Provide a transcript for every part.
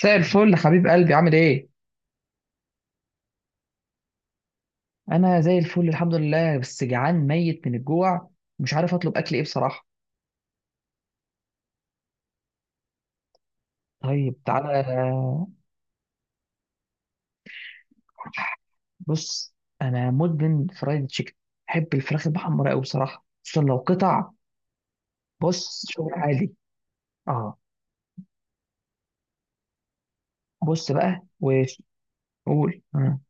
مساء الفل حبيب قلبي عامل ايه؟ انا زي الفل الحمد لله بس جعان ميت من الجوع. مش عارف اطلب اكل ايه بصراحة. طيب تعالى. بص، انا مدمن فرايد تشيكن. بحب الفراخ المحمرة قوي بصراحة، خصوصا لو قطع. بص، شغل عالي. اه، بص بقى وقول آه.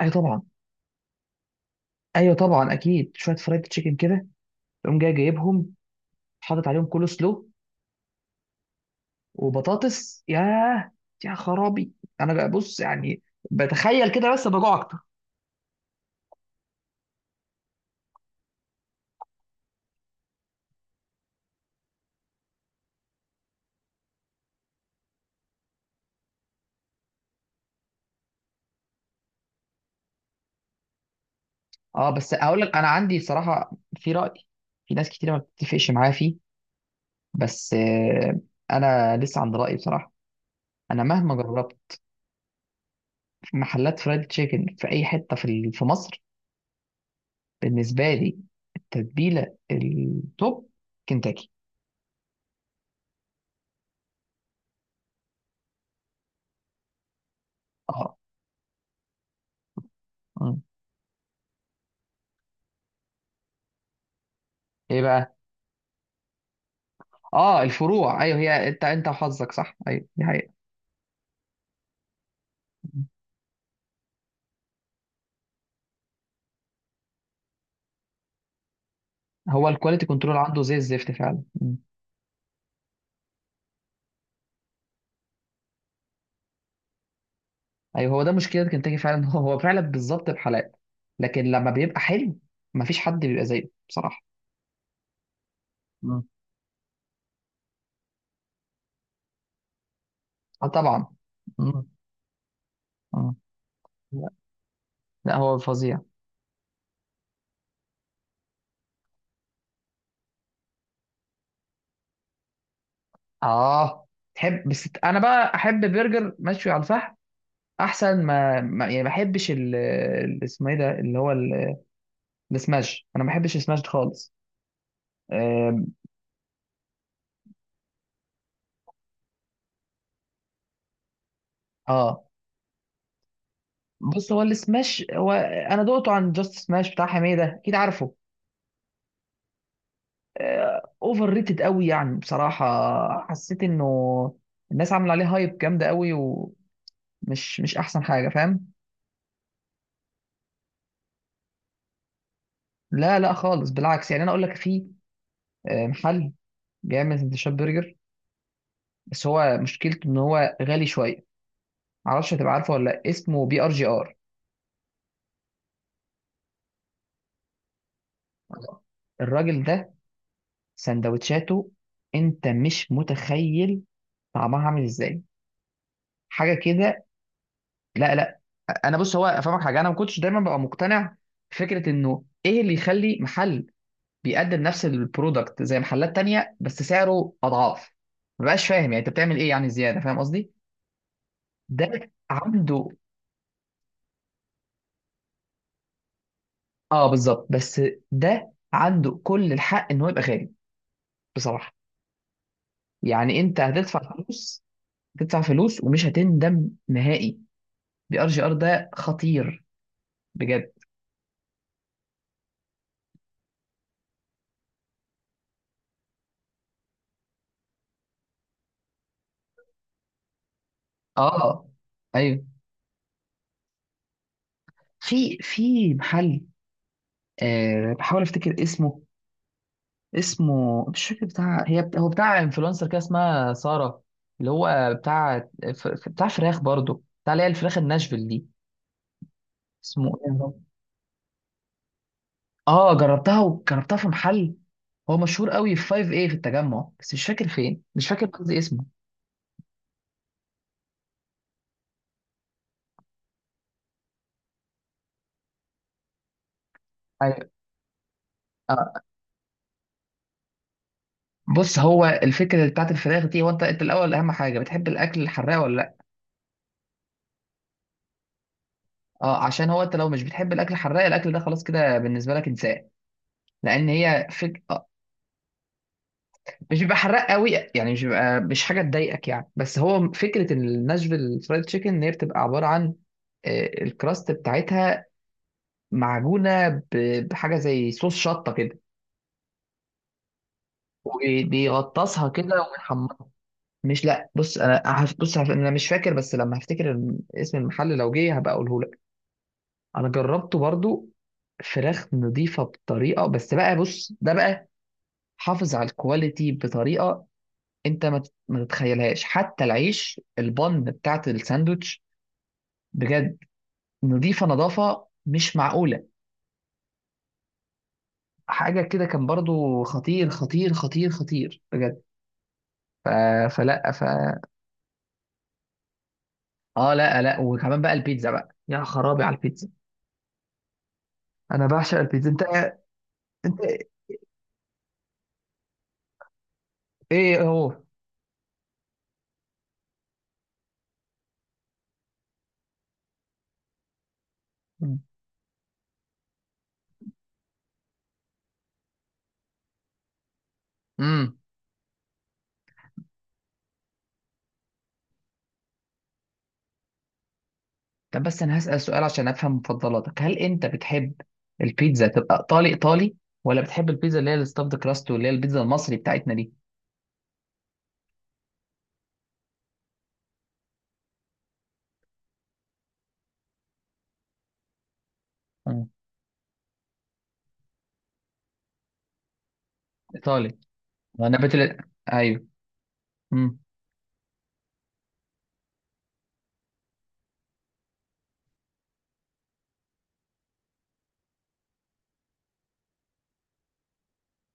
ايوه طبعا. ايوه طبعا اكيد، شوية فرايد تشيكن كده، تقوم جاي جايبهم، حاطط عليهم كول سلو وبطاطس، ياه يا خرابي. انا بقى بص يعني بتخيل كده بس بجوع. اه بس اقول لك انا عندي صراحه، في راي، في ناس كتير ما بتتفقش معايا فيه، بس انا لسه عند رايي بصراحه. انا مهما جربت في محلات فرايد تشيكن في اي حته في في مصر، بالنسبه لي التتبيله التوب كنتاكي. اه. مم. ايه بقى؟ اه الفروع، ايوه هي، انت وحظك، صح، ايوه دي حقيقه. مم. هو الكواليتي كنترول عنده زي الزفت فعلا. مم. ايوه هو ده مشكله كنتاكي فعلا هو فعلا بالظبط بحالات، لكن لما بيبقى حلو مفيش حد بيبقى زيه بصراحه. مم. اه طبعا. مم. مم. لا، لا، هو فظيع. اه، تحب، بس انا بقى احب برجر مشوي على الفحم احسن ما يعني، ما احبش اسمه ايه ده اللي هو السماش، انا ما بحبش السماش ده خالص. آم، اه بص، هو السماش هو انا دقته عن جاست سماش بتاع حميده، اكيد عارفه. اوفر ريتد قوي يعني بصراحه. حسيت انه الناس عامله عليه هايب جامده قوي، ومش مش احسن حاجه، فاهم. لا لا خالص، بالعكس، يعني انا اقول لك في محل بيعمل سندوتشات برجر، بس هو مشكلته ان هو غالي شويه. معرفش هتبقى عارفه ولا لأ، اسمه بي ار جي ار. الراجل ده سندوتشاته، انت مش متخيل طعمها عامل ازاي، حاجه كده. لا لا، انا بص هو افهمك حاجه، انا ما كنتش دايما ببقى مقتنع بفكره انه ايه اللي يخلي محل بيقدم نفس البرودكت زي محلات تانية بس سعره اضعاف. ما بقاش فاهم يعني انت بتعمل ايه، يعني زياده، فاهم قصدي. ده عنده، اه بالظبط، بس ده عنده كل الحق ان هو يبقى غالي بصراحه. يعني انت هتدفع فلوس، هتدفع فلوس ومش هتندم نهائي. بي ار جي ار ده خطير بجد. اه ايوه، في محل، آه بحاول افتكر اسمه، اسمه مش فاكر، بتاع هي بتاع هو بتاع انفلونسر كده اسمها ساره، اللي هو بتاع بتاع فراخ برضه، بتاع اللي هي الفراخ الناشفيل دي. اسمه ايه؟ اه جربتها، وجربتها في محل هو مشهور قوي في 5، ايه، في التجمع، بس مش فاكر فين، مش فاكر قصدي اسمه. ايوه. آه. بص، هو الفكره بتاعت الفراخ دي، هو انت، انت الاول اهم حاجه، بتحب الاكل الحراق ولا لا؟ اه، عشان هو انت لو مش بتحب الاكل الحراق، الاكل ده خلاص كده بالنسبه لك انسان، لان هي آه. مش بيبقى حراق قوي يعني، مش بيبقى، مش حاجه تضايقك يعني، بس هو فكره الناشفيل فرايد تشيكن ان هي بتبقى عباره عن الكراست بتاعتها معجونه بحاجه زي صوص شطه كده، وبيغطسها كده ويحمرها. مش، لا بص، انا بص، انا مش فاكر، بس لما هفتكر اسم المحل لو جه هبقى اقوله لك. انا جربته برضو، فراخ نظيفه بطريقه، بس بقى بص، ده بقى حافظ على الكواليتي بطريقه انت ما تتخيلهاش، حتى العيش البن بتاعت الساندوتش بجد، نظيفه نظافه مش معقوله، حاجه كده. كان برضو خطير خطير خطير خطير بجد. ف... فلا. اه لا لا، وكمان بقى البيتزا، بقى يا خرابي على البيتزا، انا بعشق البيتزا. انت، انت ايه هو؟ مم. امم. طب بس انا هسأل سؤال عشان افهم مفضلاتك، هل انت بتحب البيتزا تبقى ايطالي ايطالي، ولا بتحب البيتزا اللي هي الستافد كراست واللي هي البيتزا المصري بتاعتنا دي؟ مم. ايطالي. انا ايوه. امم.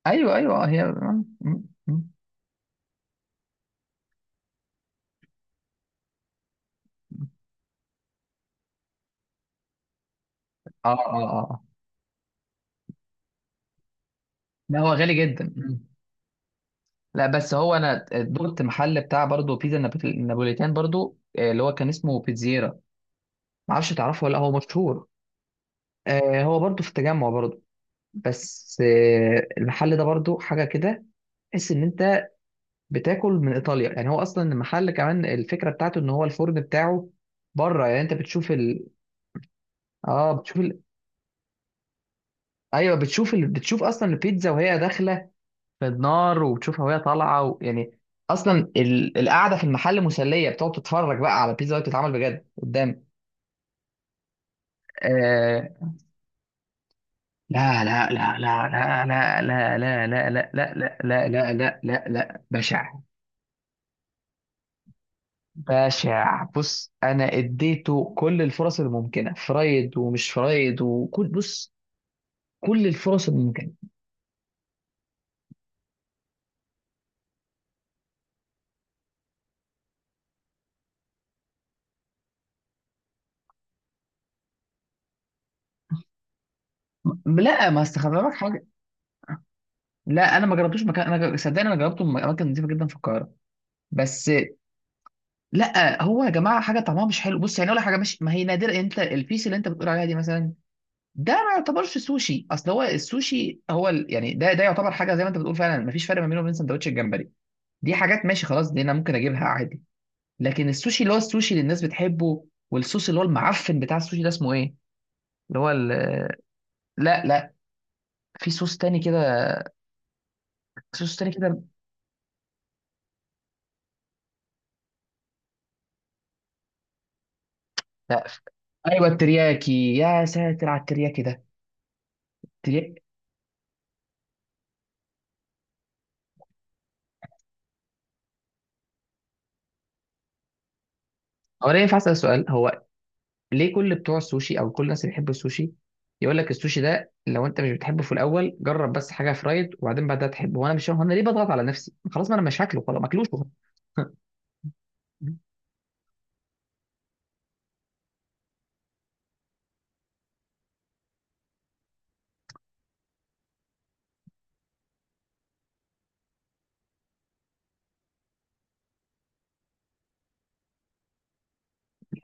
ايوه ايوه. هي. مم. مم. مم. اه اه اه. آه. لا هو غالي جدا. مم. لا بس هو انا دقت محل بتاع برضه بيتزا نابوليتان برضه، اللي هو كان اسمه بيتزيرا. معرفش تعرفه ولا لأ، هو مشهور. آه، هو برضو في التجمع برضو، بس آه، المحل ده برضو حاجة كده، تحس إن أنت بتاكل من إيطاليا. يعني هو أصلا المحل، كمان الفكرة بتاعته إن هو الفرن بتاعه بره، يعني أنت بتشوف آه، بتشوف أيوه بتشوف بتشوف أصلا البيتزا وهي داخلة في النار، وبتشوفها وهي طالعة و... يعني أصلا القعدة في المحل مسلية، بتقعد تتفرج بقى على البيتزا وهي بتتعمل بجد قدامك. آه. لا لا لا لا لا لا لا لا لا لا لا لا لا لا لا لا لا، بشع. بشع، بص انا اديته كل الفرص الممكنه، فرايد ومش فرايد وكل، بص، كل الفرص الممكنه. لا ما استخدمك حاجه. لا انا ما جربتوش مكان، انا صدقني انا جربته في اماكن نظيفه جدا في القاهره بس. لا هو يا جماعه حاجه طعمها مش حلو، بص يعني اقول لك حاجه مش، ما هي نادره. انت البيس اللي انت بتقول عليها دي مثلا، ده ما يعتبرش سوشي، اصل هو السوشي هو يعني ده، ده يعتبر حاجه زي ما انت بتقول، فعلا مفيش فرق ما بينه وبين سندوتش الجمبري. دي حاجات ماشي خلاص، دي انا ممكن اجيبها عادي. لكن السوشي اللي هو السوشي اللي الناس بتحبه، والصوص اللي هو المعفن بتاع السوشي، ده اسمه ايه، اللي هو لا لا. في صوص تاني كده. صوص تاني كده. لا، ايوه الترياكي، يا ساتر على الترياكي ده. ترياكي. هو انا ينفع اسال سؤال؟ هو ليه كل بتوع السوشي، او كل الناس اللي بيحبوا السوشي، يقول لك السوشي ده لو انت مش بتحبه في الاول جرب بس حاجه فرايد وبعدين بعدها تحبه. وانا مش، هو انا ليه بضغط على نفسي؟ خلاص ما انا مش هاكله، خلاص ما اكلوش وخلاص.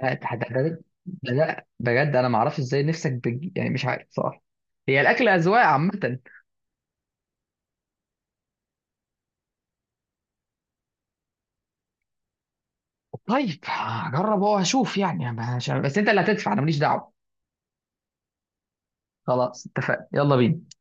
لا، ده بجد انا ما اعرفش ازاي نفسك يعني مش عارف صراحه. هي الاكل اذواق عامه. طيب هجرب واشوف، يعني مش، بس انت اللي هتدفع انا ماليش دعوه. خلاص اتفقنا، يلا بينا.